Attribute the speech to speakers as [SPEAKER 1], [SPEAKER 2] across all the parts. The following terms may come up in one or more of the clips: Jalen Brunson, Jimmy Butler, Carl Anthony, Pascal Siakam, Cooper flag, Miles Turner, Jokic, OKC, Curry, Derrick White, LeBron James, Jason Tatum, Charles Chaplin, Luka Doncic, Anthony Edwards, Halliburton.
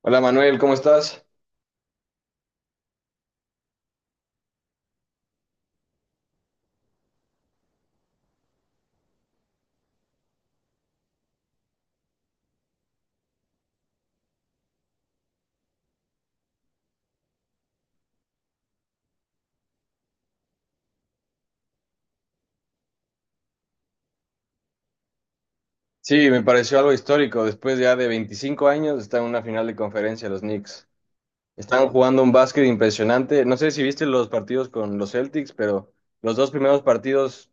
[SPEAKER 1] Hola Manuel, ¿cómo estás? Sí, me pareció algo histórico. Después ya de 25 años están en una final de conferencia los Knicks. Están jugando un básquet impresionante. No sé si viste los partidos con los Celtics, pero los dos primeros partidos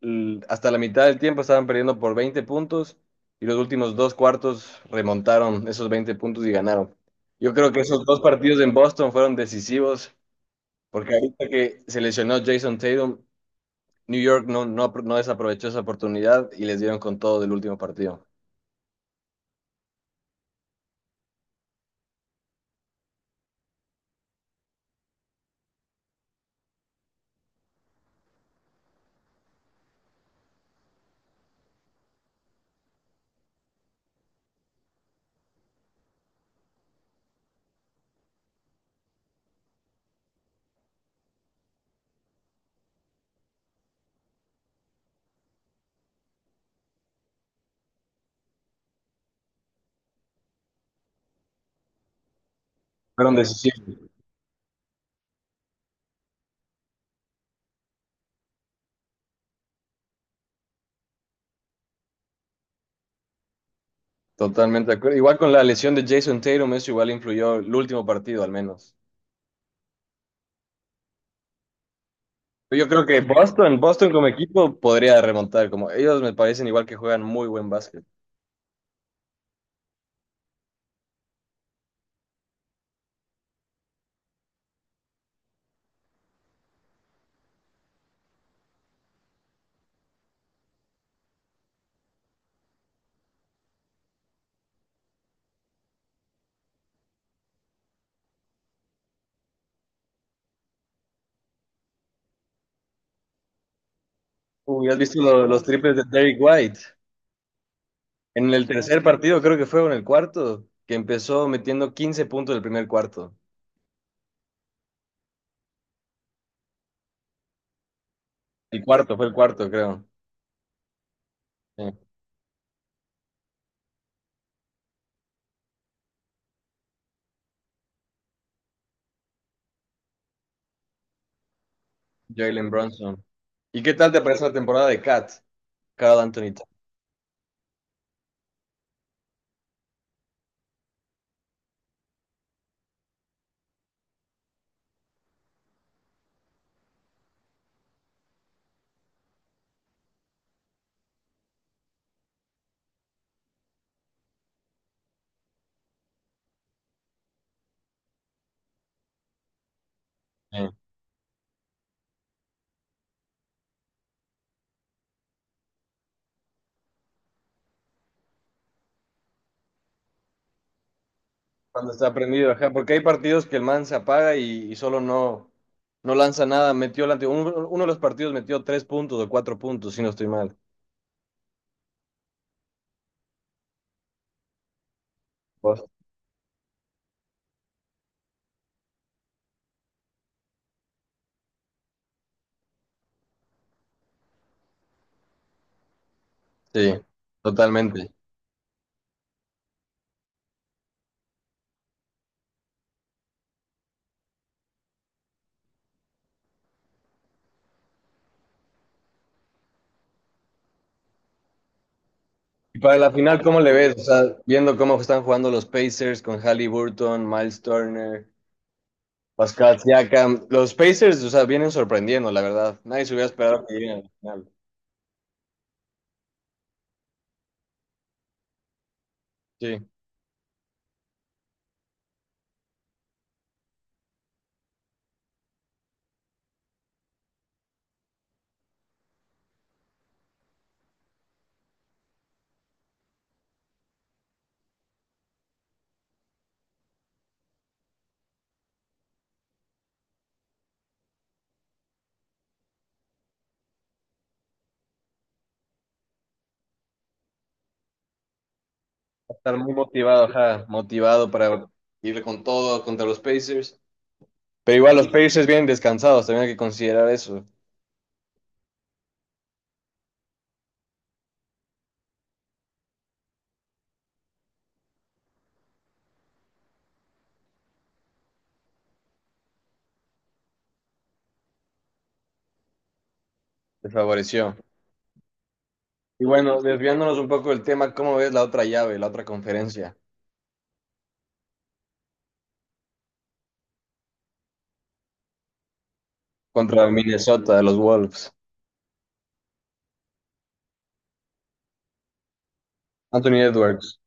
[SPEAKER 1] hasta la mitad del tiempo estaban perdiendo por 20 puntos y los últimos dos cuartos remontaron esos 20 puntos y ganaron. Yo creo que esos dos partidos en Boston fueron decisivos porque ahorita que se lesionó Jason Tatum, New York no desaprovechó esa oportunidad y les dieron con todo del último partido. Fueron decisivos. Totalmente de acuerdo. Igual con la lesión de Jason Tatum, eso igual influyó el último partido al menos. Yo creo que Boston como equipo podría remontar, como ellos me parecen igual que juegan muy buen básquet. Uy, ¿has visto los triples de Derrick White? En el tercer partido, creo que fue, o en el cuarto, que empezó metiendo 15 puntos del primer cuarto. El cuarto, fue el cuarto, creo. Sí. Jalen Brunson. ¿Y qué tal te parece la temporada de Cat? Carl Anthony. Sí. Cuando está prendido, ajá, porque hay partidos que el man se apaga y, solo no, no lanza nada. Metió el uno de los partidos metió tres puntos o cuatro puntos, si no estoy mal. Pues, sí, totalmente. Y para la final, ¿cómo le ves? O sea, viendo cómo están jugando los Pacers con Halliburton, Miles Turner, Pascal Siakam. Los Pacers, o sea, vienen sorprendiendo, la verdad. Nadie se hubiera esperado que lleguen a la final. Sí, va a estar muy motivado, ajá, motivado para ir con todo contra los Pacers. Pero igual los Pacers vienen descansados, también hay que considerar eso. Les favoreció. Y bueno, desviándonos un poco del tema, ¿cómo ves la otra llave, la otra conferencia contra Minnesota, los Wolves? Anthony Edwards.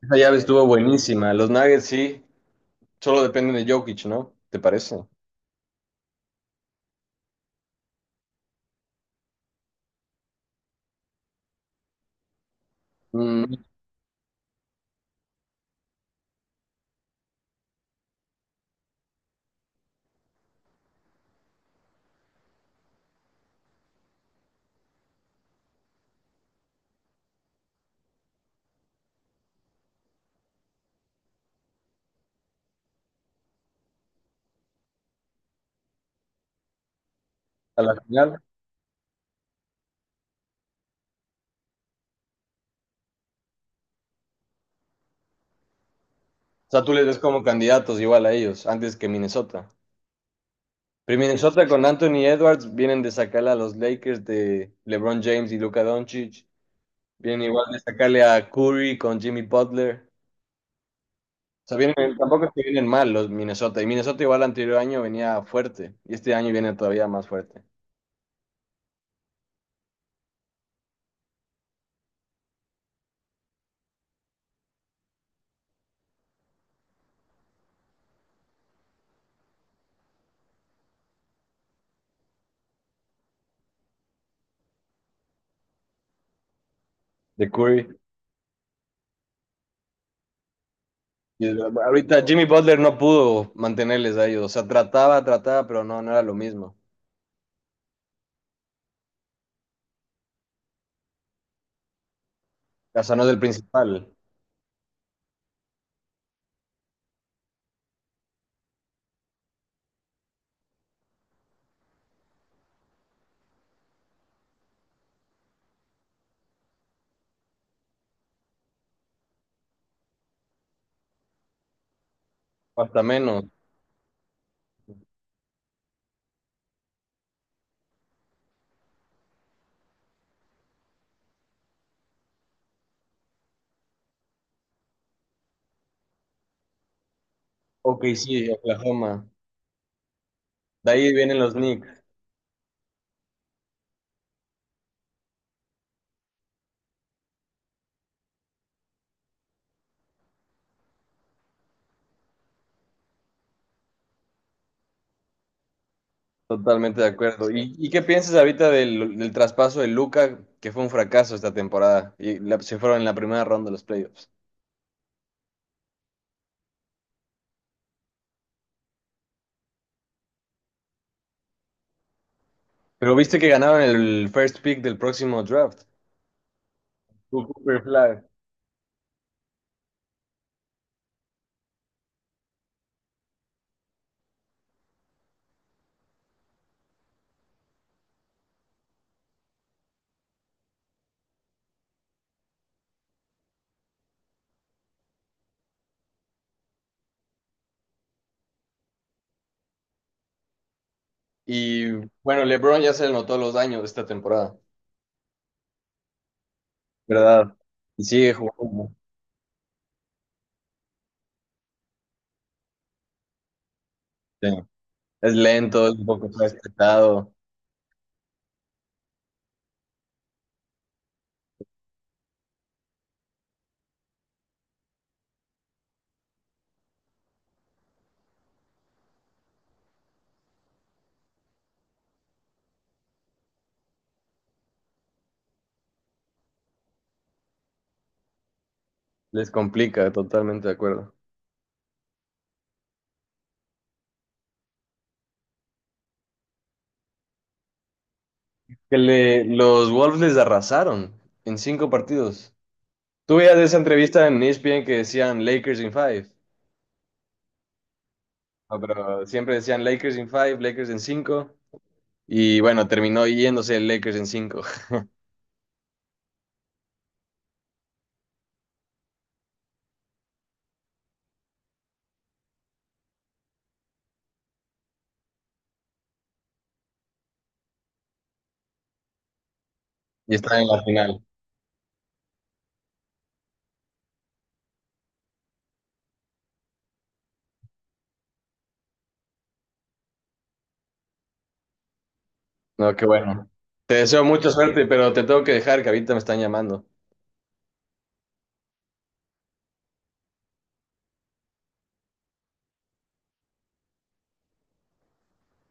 [SPEAKER 1] Esa llave estuvo buenísima. Los Nuggets sí, solo dependen de Jokic, ¿no? ¿Te parece? Mm, a la final. O sea, ¿tú les ves como candidatos igual a ellos, antes que Minnesota? Pero Minnesota con Anthony Edwards vienen de sacarle a los Lakers de LeBron James y Luka Doncic. Vienen igual de sacarle a Curry con Jimmy Butler. Sea, vienen, tampoco es que vienen mal los Minnesota. Y Minnesota igual el anterior año venía fuerte. Y este año viene todavía más fuerte. De Curry. Y ahorita Jimmy Butler no pudo mantenerles a ellos. O sea, trataba, pero no, no era lo mismo. O sea, no es el principal. Hasta menos. Ok OKC, Oklahoma. De ahí vienen los Knicks. Totalmente de acuerdo. ¿Y, qué piensas ahorita del traspaso de Luca, que fue un fracaso esta temporada? Y se fueron en la primera ronda de los playoffs. Pero viste que ganaron el first pick del próximo draft. Cooper Flag. Y bueno, LeBron ya se le notó los años de esta temporada, ¿verdad? Y sigue jugando. Sí. Es lento, es un poco respetado, les complica, totalmente de acuerdo. Que le, los Wolves les arrasaron en cinco partidos. ¿Tú veías esa entrevista en ESPN que decían Lakers in five? No, pero siempre decían Lakers in five, Lakers en cinco, y bueno, terminó yéndose el Lakers en cinco. Y están en la final. No, qué bueno. Te deseo mucha suerte, pero te tengo que dejar, que ahorita me están llamando.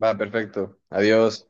[SPEAKER 1] Va, perfecto. Adiós.